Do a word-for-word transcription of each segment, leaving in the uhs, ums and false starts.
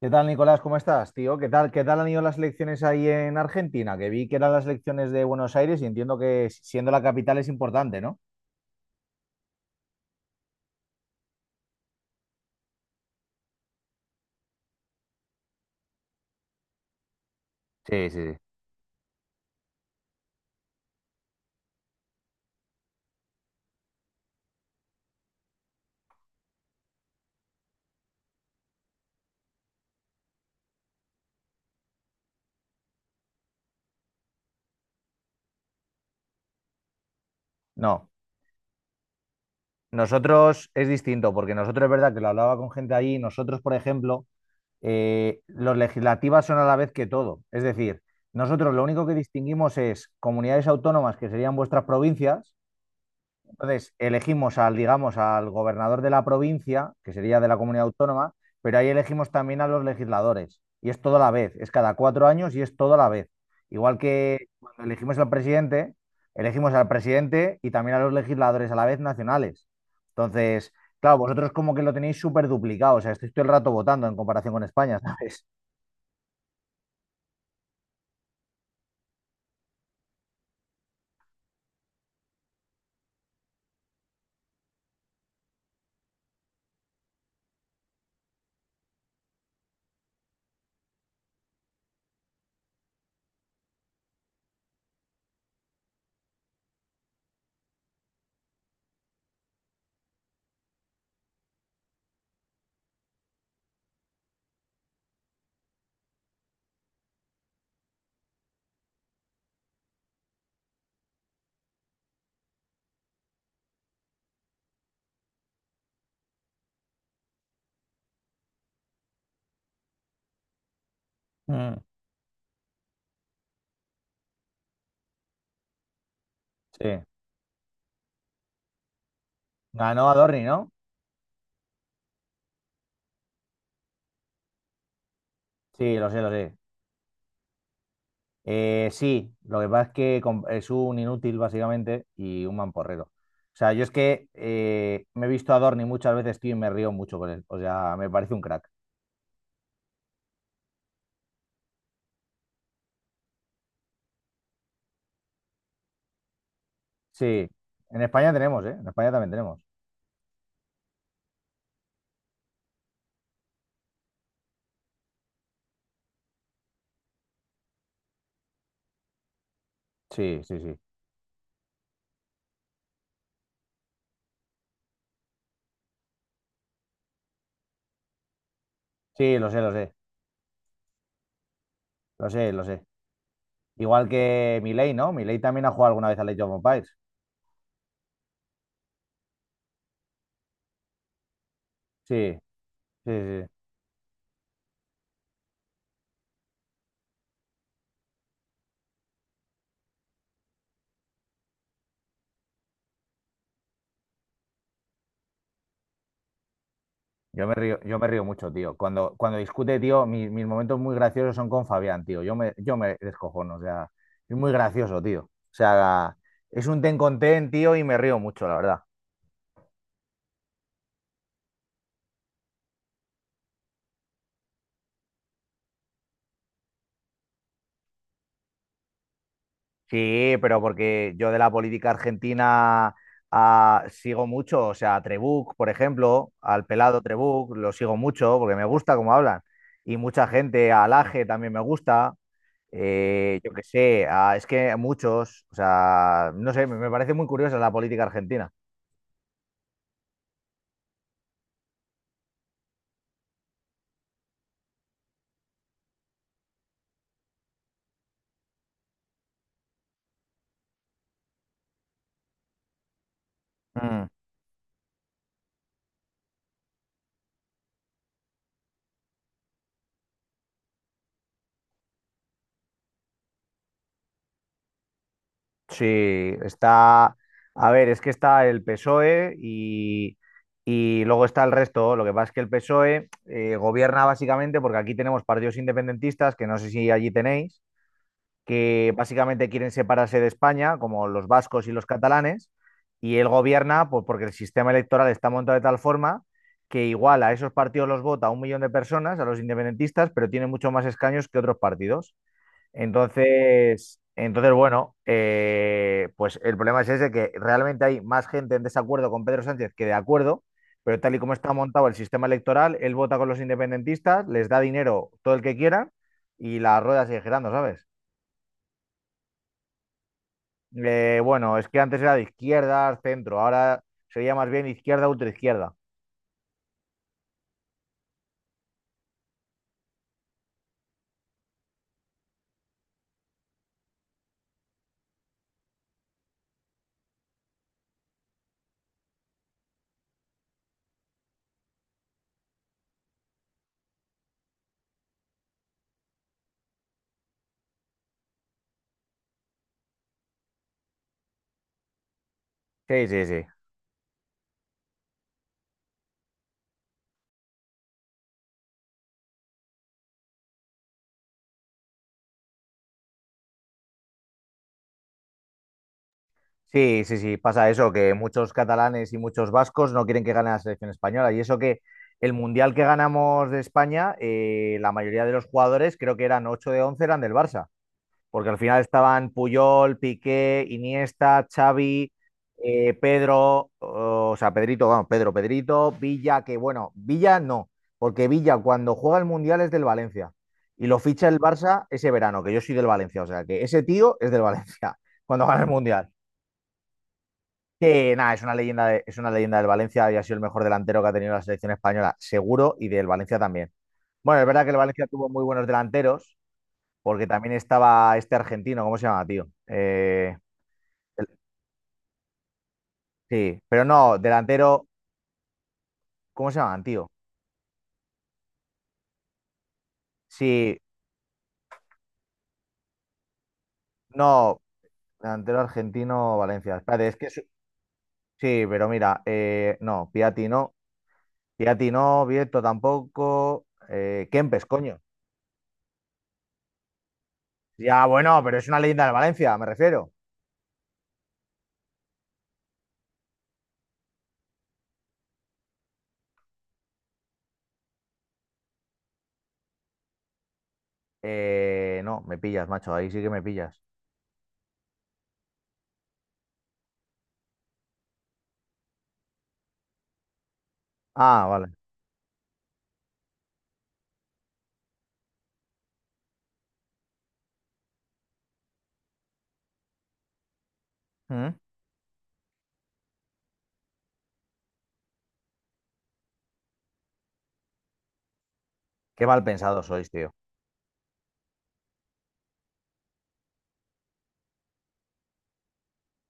¿Qué tal, Nicolás? ¿Cómo estás, tío? ¿Qué tal, qué tal han ido las elecciones ahí en Argentina? Que vi que eran las elecciones de Buenos Aires y entiendo que si, siendo la capital es importante, ¿no? Sí, sí, sí. No, nosotros es distinto, porque nosotros es verdad que lo hablaba con gente allí, nosotros, por ejemplo, eh, los legislativas son a la vez que todo. Es decir, nosotros lo único que distinguimos es comunidades autónomas, que serían vuestras provincias. Entonces, elegimos al, digamos, al gobernador de la provincia, que sería de la comunidad autónoma, pero ahí elegimos también a los legisladores. Y es todo a la vez, es cada cuatro años y es todo a la vez. Igual que cuando elegimos al presidente, elegimos al presidente y también a los legisladores a la vez nacionales. Entonces, claro, vosotros como que lo tenéis súper duplicado, o sea, estáis todo el rato votando en comparación con España, ¿sabes? Mm. Sí. Ganó Adorni, ¿no? Sí, lo sé, lo sé. Eh, sí, lo que pasa es que com- es un inútil básicamente y un mamporrero. O sea, yo es que eh, me he visto a Dorni muchas veces, tío, y me río mucho con él. O sea, me parece un crack. Sí, en España tenemos, ¿eh? En España también tenemos. Sí, sí, sí. Sí, lo sé, lo sé. Lo sé, lo sé. Igual que Milei, ¿no? Milei también ha jugado alguna vez a Age of Empires. Sí, sí, sí. Sí. Yo me río, yo me río mucho, tío. Cuando, cuando discute, tío, mi- mis momentos muy graciosos son con Fabián, tío. Yo me, yo me descojono, o sea, es muy gracioso, tío. O sea, es un ten con ten, tío, y me río mucho, la verdad. Sí, pero porque yo de la política argentina ah, sigo mucho, o sea, a Trebuch, por ejemplo, al pelado Trebuch, lo sigo mucho porque me gusta cómo hablan. Y mucha gente, a Laje también me gusta. Eh, yo qué sé, ah, es que muchos, o sea, no sé, me me parece muy curiosa la política argentina. Mm. Sí, está. A ver, es que está el P S O E y, y luego está el resto. Lo que pasa es que el P S O E eh, gobierna básicamente porque aquí tenemos partidos independentistas, que no sé si allí tenéis, que básicamente quieren separarse de España, como los vascos y los catalanes, y él gobierna pues, porque el sistema electoral está montado de tal forma que igual a esos partidos los vota un millón de personas, a los independentistas, pero tiene mucho más escaños que otros partidos. Entonces, entonces bueno, eh, pues el problema es ese, que realmente hay más gente en desacuerdo con Pedro Sánchez que de acuerdo, pero tal y como está montado el sistema electoral, él vota con los independentistas, les da dinero todo el que quieran y la rueda sigue girando, ¿sabes? Eh, bueno, es que antes era de izquierdas, centro, ahora sería más bien izquierda, ultraizquierda. Sí, sí, sí. Sí, sí, sí, pasa eso, que muchos catalanes y muchos vascos no quieren que gane la selección española. Y eso que el mundial que ganamos de España, eh, la mayoría de los jugadores, creo que eran ocho de once eran del Barça, porque al final estaban Puyol, Piqué, Iniesta, Xavi, eh, Pedro, o sea, Pedrito, vamos, Pedro, Pedrito, Villa, que bueno, Villa no, porque Villa cuando juega el Mundial es del Valencia y lo ficha el Barça ese verano, que yo soy del Valencia, o sea, que ese tío es del Valencia cuando gana el Mundial. Que nada, es una leyenda de- es una leyenda del Valencia y ha sido el mejor delantero que ha tenido la selección española, seguro, y del Valencia también. Bueno, es verdad que el Valencia tuvo muy buenos delanteros, porque también estaba este argentino, ¿cómo se llama, tío? Eh, el- sí, pero no, delantero, ¿cómo se llaman, tío? Sí, no, delantero argentino, Valencia. Espérate, es que su- sí, pero mira, eh, no, Piatti no, Piatti no, Vieto tampoco, eh, Kempes, coño. Ya, bueno, pero es una leyenda de Valencia, me refiero. Eh, no, me pillas, macho, ahí sí que me pillas. Ah, vale. Mm. Qué mal pensado sois, tío.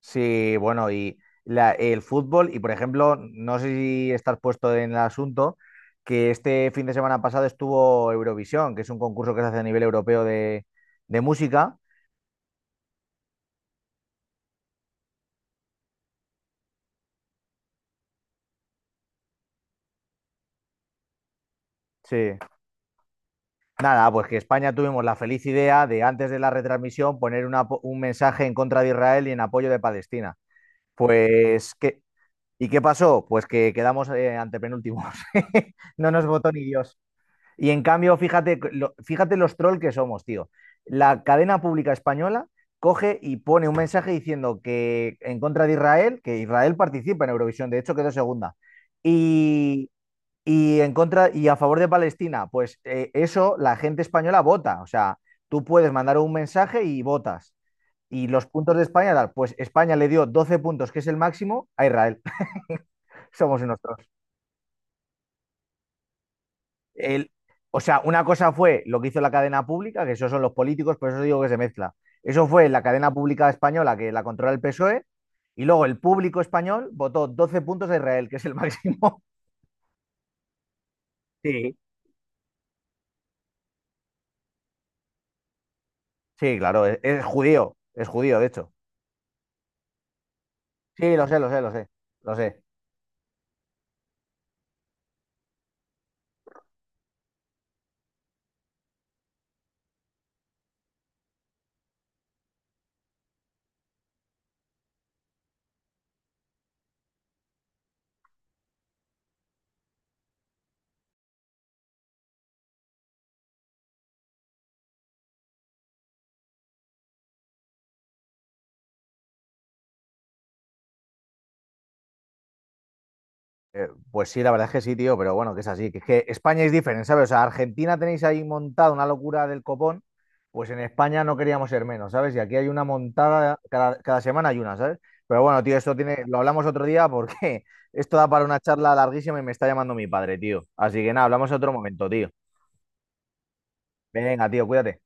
Sí, bueno, y la- el fútbol, y por ejemplo, no sé si estás puesto en el asunto, que este fin de semana pasado estuvo Eurovisión, que es un concurso que se hace a nivel europeo de, de música. Sí. Nada, pues que España tuvimos la feliz idea de antes de la retransmisión poner una po- un mensaje en contra de Israel y en apoyo de Palestina. Pues, ¿qué? ¿Y qué pasó? Pues que quedamos eh, antepenúltimos. No nos votó ni Dios. Y en cambio, fíjate, lo- fíjate los trolls que somos, tío. La cadena pública española coge y pone un mensaje diciendo que en contra de Israel, que Israel participa en Eurovisión, de hecho quedó segunda. Y, y en contra y a favor de Palestina, pues eh, eso la gente española vota. O sea, tú puedes mandar un mensaje y votas. Y los puntos de España, tal, pues España le dio doce puntos, que es el máximo, a Israel. Somos unos trolls. el, o sea, una cosa fue lo que hizo la cadena pública, que eso son los políticos, por eso digo que se mezcla. Eso fue la cadena pública española que la controla el P S O E y luego el público español votó doce puntos a Israel, que es el máximo. Sí. Sí, claro, es, es judío, es judío, de hecho. Sí, lo sé, lo sé, lo sé, lo sé. Eh, pues sí, la verdad es que sí, tío, pero bueno, que es así. Que es que España es diferente, ¿sabes? O sea, Argentina tenéis ahí montada una locura del copón, pues en España no queríamos ser menos, ¿sabes? Y aquí hay una montada, cada, cada semana hay una, ¿sabes? Pero bueno, tío, esto tiene, lo hablamos otro día porque esto da para una charla larguísima y me está llamando mi padre, tío. Así que nada, hablamos otro momento, tío. Venga, tío, cuídate.